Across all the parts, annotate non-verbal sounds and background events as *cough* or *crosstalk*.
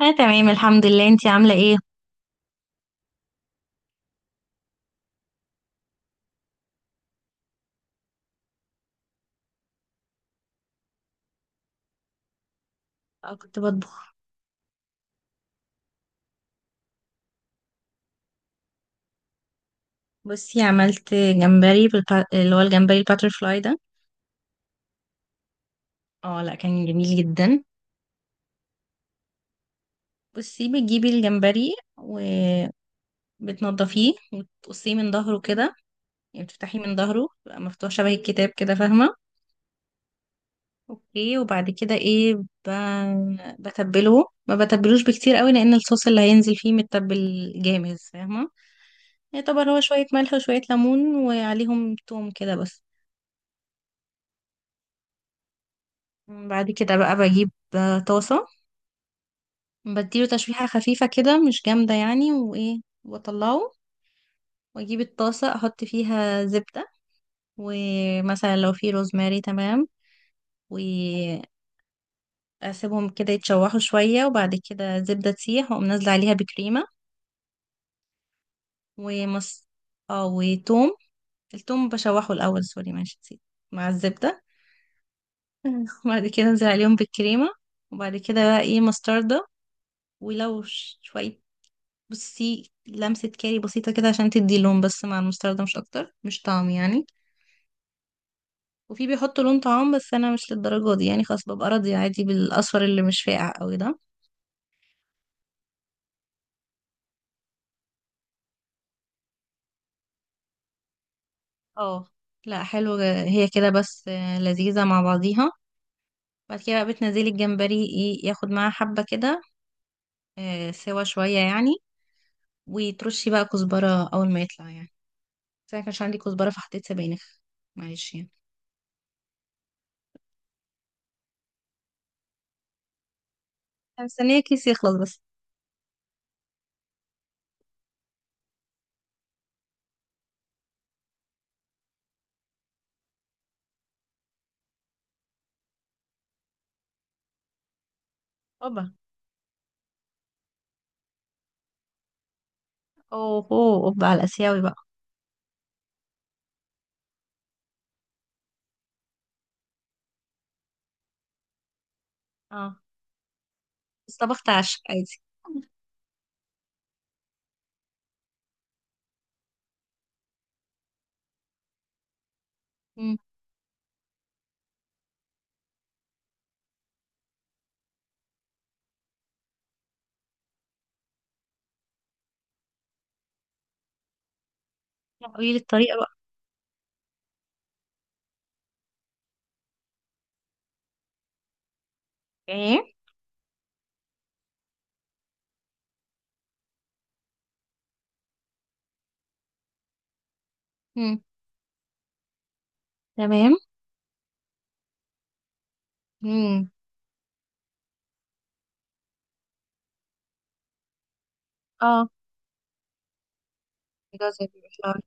انا تمام، الحمد لله. انتي عامله ايه؟ اه، كنت بطبخ. بصي، عملت جمبري اللي هو الجمبري الباترفلاي ده. اه، لا كان جميل جدا. بصي، بتجيبي الجمبري وبتنضفيه وتقصيه من ظهره كده. يعني بتفتحيه من ظهره، بيبقى مفتوح شبه الكتاب كده، فاهمه؟ اوكي، وبعد كده ايه بتبله، ما بتبلوش بكتير قوي، لان الصوص اللي هينزل فيه متبل جامد، فاهمه؟ يعتبر هو شويه ملح وشويه ليمون وعليهم توم كده بس. بعد كده بقى بجيب طاسة. بديله تشويحة خفيفة كده، مش جامدة يعني، وإيه وأطلعه. وأجيب الطاسة، أحط فيها زبدة. ومثلا لو في روزماري، تمام. وأسيبهم كده يتشوحوا شوية، وبعد كده الزبدة تسيح، وأقوم نازلة عليها بكريمة. ومص. اه، وتوم. التوم بشوحه الأول، سوري ماشي، نسيت، مع الزبدة. *laughs* وبعد كده أنزل عليهم بالكريمة. وبعد كده بقى إيه مستردة. ولو شوية. بصي، لمسة كاري بسيطة كده عشان تدي لون، بس مع المستردة مش أكتر، مش طعم يعني. وفي بيحطوا لون طعام، بس أنا مش للدرجة دي يعني، خلاص ببقى راضية عادي بالأصفر اللي مش فاقع قوي ده. اه، لا، حلو. هي كده بس لذيذة مع بعضيها. بعد كده بقى بتنزلي الجمبري ايه، ياخد معاها حبة كده. سوا شوية يعني. وترشي بقى كزبرة أول ما يطلع يعني. بس أنا كانش عندي كزبرة فحطيت سبانخ. معلش يعني. أنا مستنية كيس يخلص بس. أوبا! أوه، أوه، أوبا على الآسيوي بقى! اه، بس طبخت عشاء عادي. مم. لا، قولي لي الطريقة بقى. ايه. مم. تمام. مم. اه، جزر بالفلاور.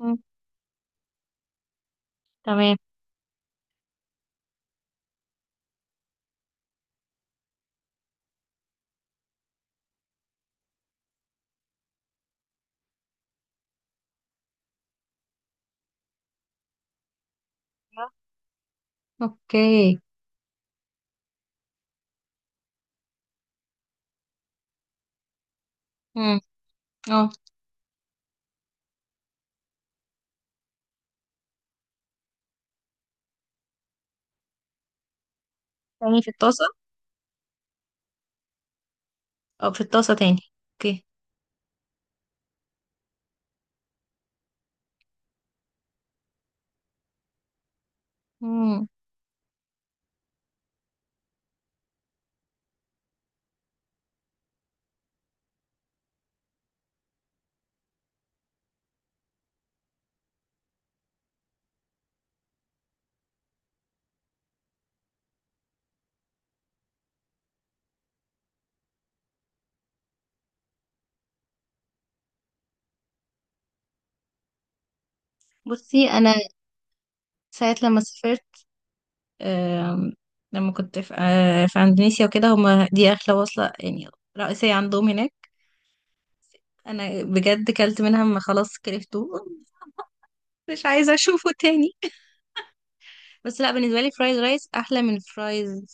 مم. تمام. اوكي. مم. اه، تاني في الطاسة، او في الطاسة تاني؟ اوكي. مم. بصي، انا ساعة لما سافرت، آم، لما كنت في اندونيسيا وكده، هما دي اغلى وصلة يعني رئيسية عندهم هناك. انا بجد كلت منها ما خلاص، كرفته. مش عايزة اشوفه تاني. بس لا، بالنسبه لي فرايز رايس احلى من فرايز.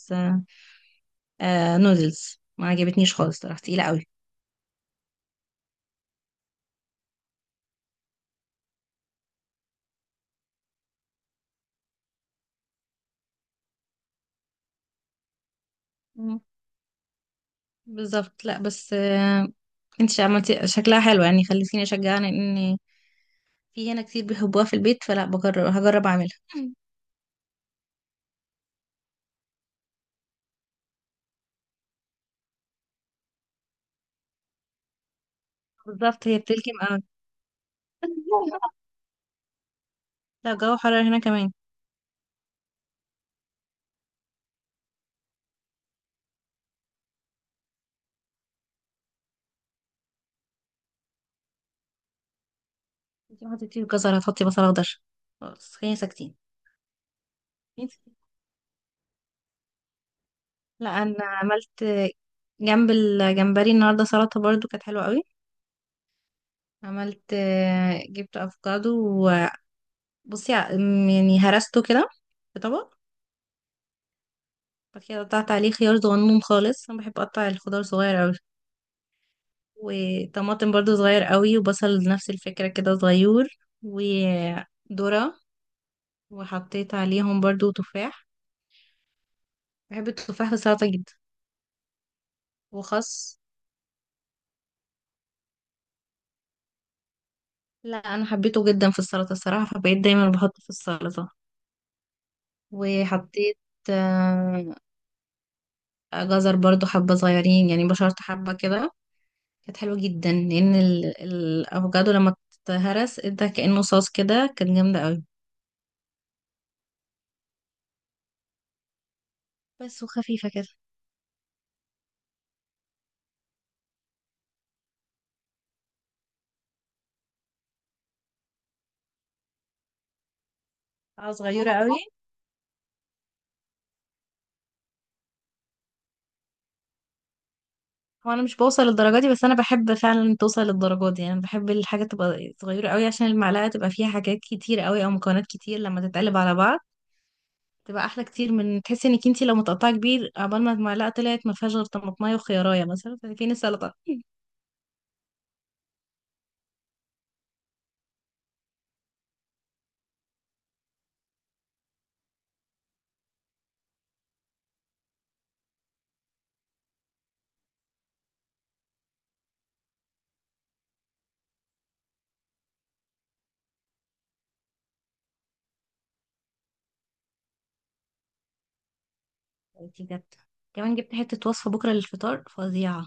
نودلز ما عجبتنيش خالص صراحه، تقيله قوي. مم. بالظبط. لا بس. انت عملتي شكلها حلو، يعني خليتيني اشجعني ان في هنا كتير بيحبوها في البيت، فلا بجرب، هجرب اعملها. *laughs* مم. بالظبط، هي بتلكم قوي. *laughs* لا، الجو حرر هنا كمان. انت ما حطيتيش جزر هتحطي بصل اخضر؟ خلاص، خلينا ساكتين. انت- لا، انا عملت جنب الجمبري النهارده سلطه برضو، كانت حلوه قوي. عملت. جبت افوكادو. بصي، يعني هرسته كده في طبق. بعد كده قطعت عليه خيار صغنون خالص. انا بحب اقطع الخضار صغير قوي. وطماطم برضو صغير قوي، وبصل نفس الفكرة كده صغير. وذرة. وحطيت عليهم برضو تفاح. بحب التفاح في السلطة جدا. وخس. لا، انا حبيته جدا في السلطة الصراحة، فبقيت دايما بحطه في السلطة. وحطيت آه، جزر برضو حبة صغيرين، يعني بشرت حبة كده. كانت حلوة جدا، لأن الأفوكادو لما اتهرس ادى كأنه صوص كده، كانت جامدة قوي. بس وخفيفة كده. اه، صغيرة قوي. هو أنا مش بوصل للدرجة دي، بس أنا بحب فعلا توصل للدرجة دي يعني. بحب الحاجة تبقى صغيرة قوي عشان المعلقة تبقى فيها حاجات كتير قوي أو مكونات كتير، لما تتقلب على بعض تبقى أحلى كتير، من تحسي إنك انتي لو متقطعة كبير عقبال ما المعلقة طلعت ما فيهاش غير طماطماية وخيارية، مثلا، فين السلطة؟ *laughs* دي جت كمان، جبت حتة وصفة بكرة للفطار فظيعة.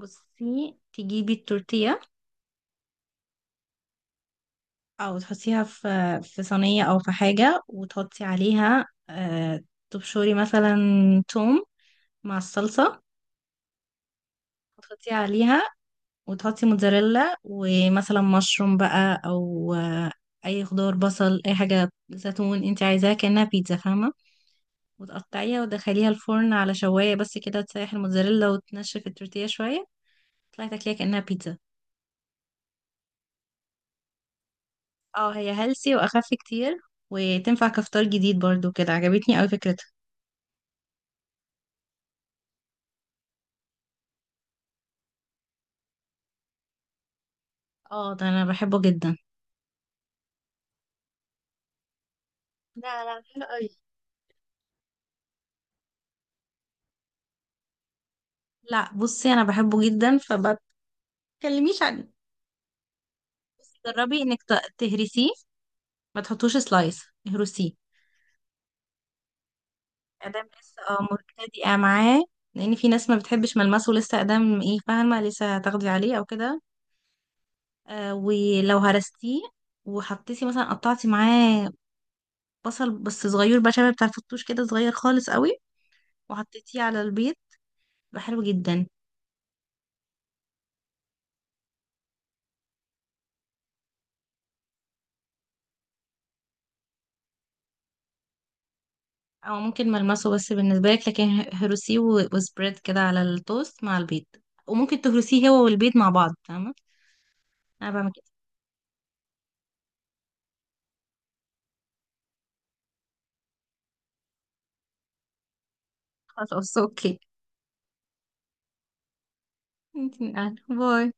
بصي، تجيبي التورتية. او تحطيها في صينية او في حاجة، وتحطي عليها، تبشري مثلا توم مع الصلصة. وتحطي عليها، وتحطي موتزاريلا ومثلا مشروم بقى، او اي خضار، بصل، اي حاجة، زيتون، انت عايزاها كأنها بيتزا، فاهمة؟ وتقطعيها وتدخليها الفرن على شواية بس كده، تسيح الموتزاريلا وتنشف التورتيه شوية. تطلعي تاكليها كأنها بيتزا. اه، هي هيلسي واخف كتير. وتنفع كفطار جديد برضو، كده عجبتني اوي فكرتها. اه، ده انا بحبه جدا. لا، لا، حلو قوي. لا، بصي، انا بحبه جدا، فما تكلميش عنه. بس جربي انك تهرسيه. ما تحطوش سلايس، اهرسيه. ادام لسه مبتدئه معاه، لان في ناس ما بتحبش ملمسه لسه ادام ايه فاهمه، لسه هتاخدي عليه او كده. ولو هرستيه وحطيتي مثلا قطعتي معاه بصل، بس صغير بقى شبه بتاع الفتوش كده، صغير خالص قوي، وحطيتيه على البيض، بقى حلو جدا. او ممكن ملمسه بس بالنسبه لك، لكن هروسيه وسبريد كده على التوست مع البيض. وممكن تهرسيه هو والبيض مع بعض، فاهمه؟ انا بعمل كده. خلاص، اوكي. *laughs* انت من أهل. باي.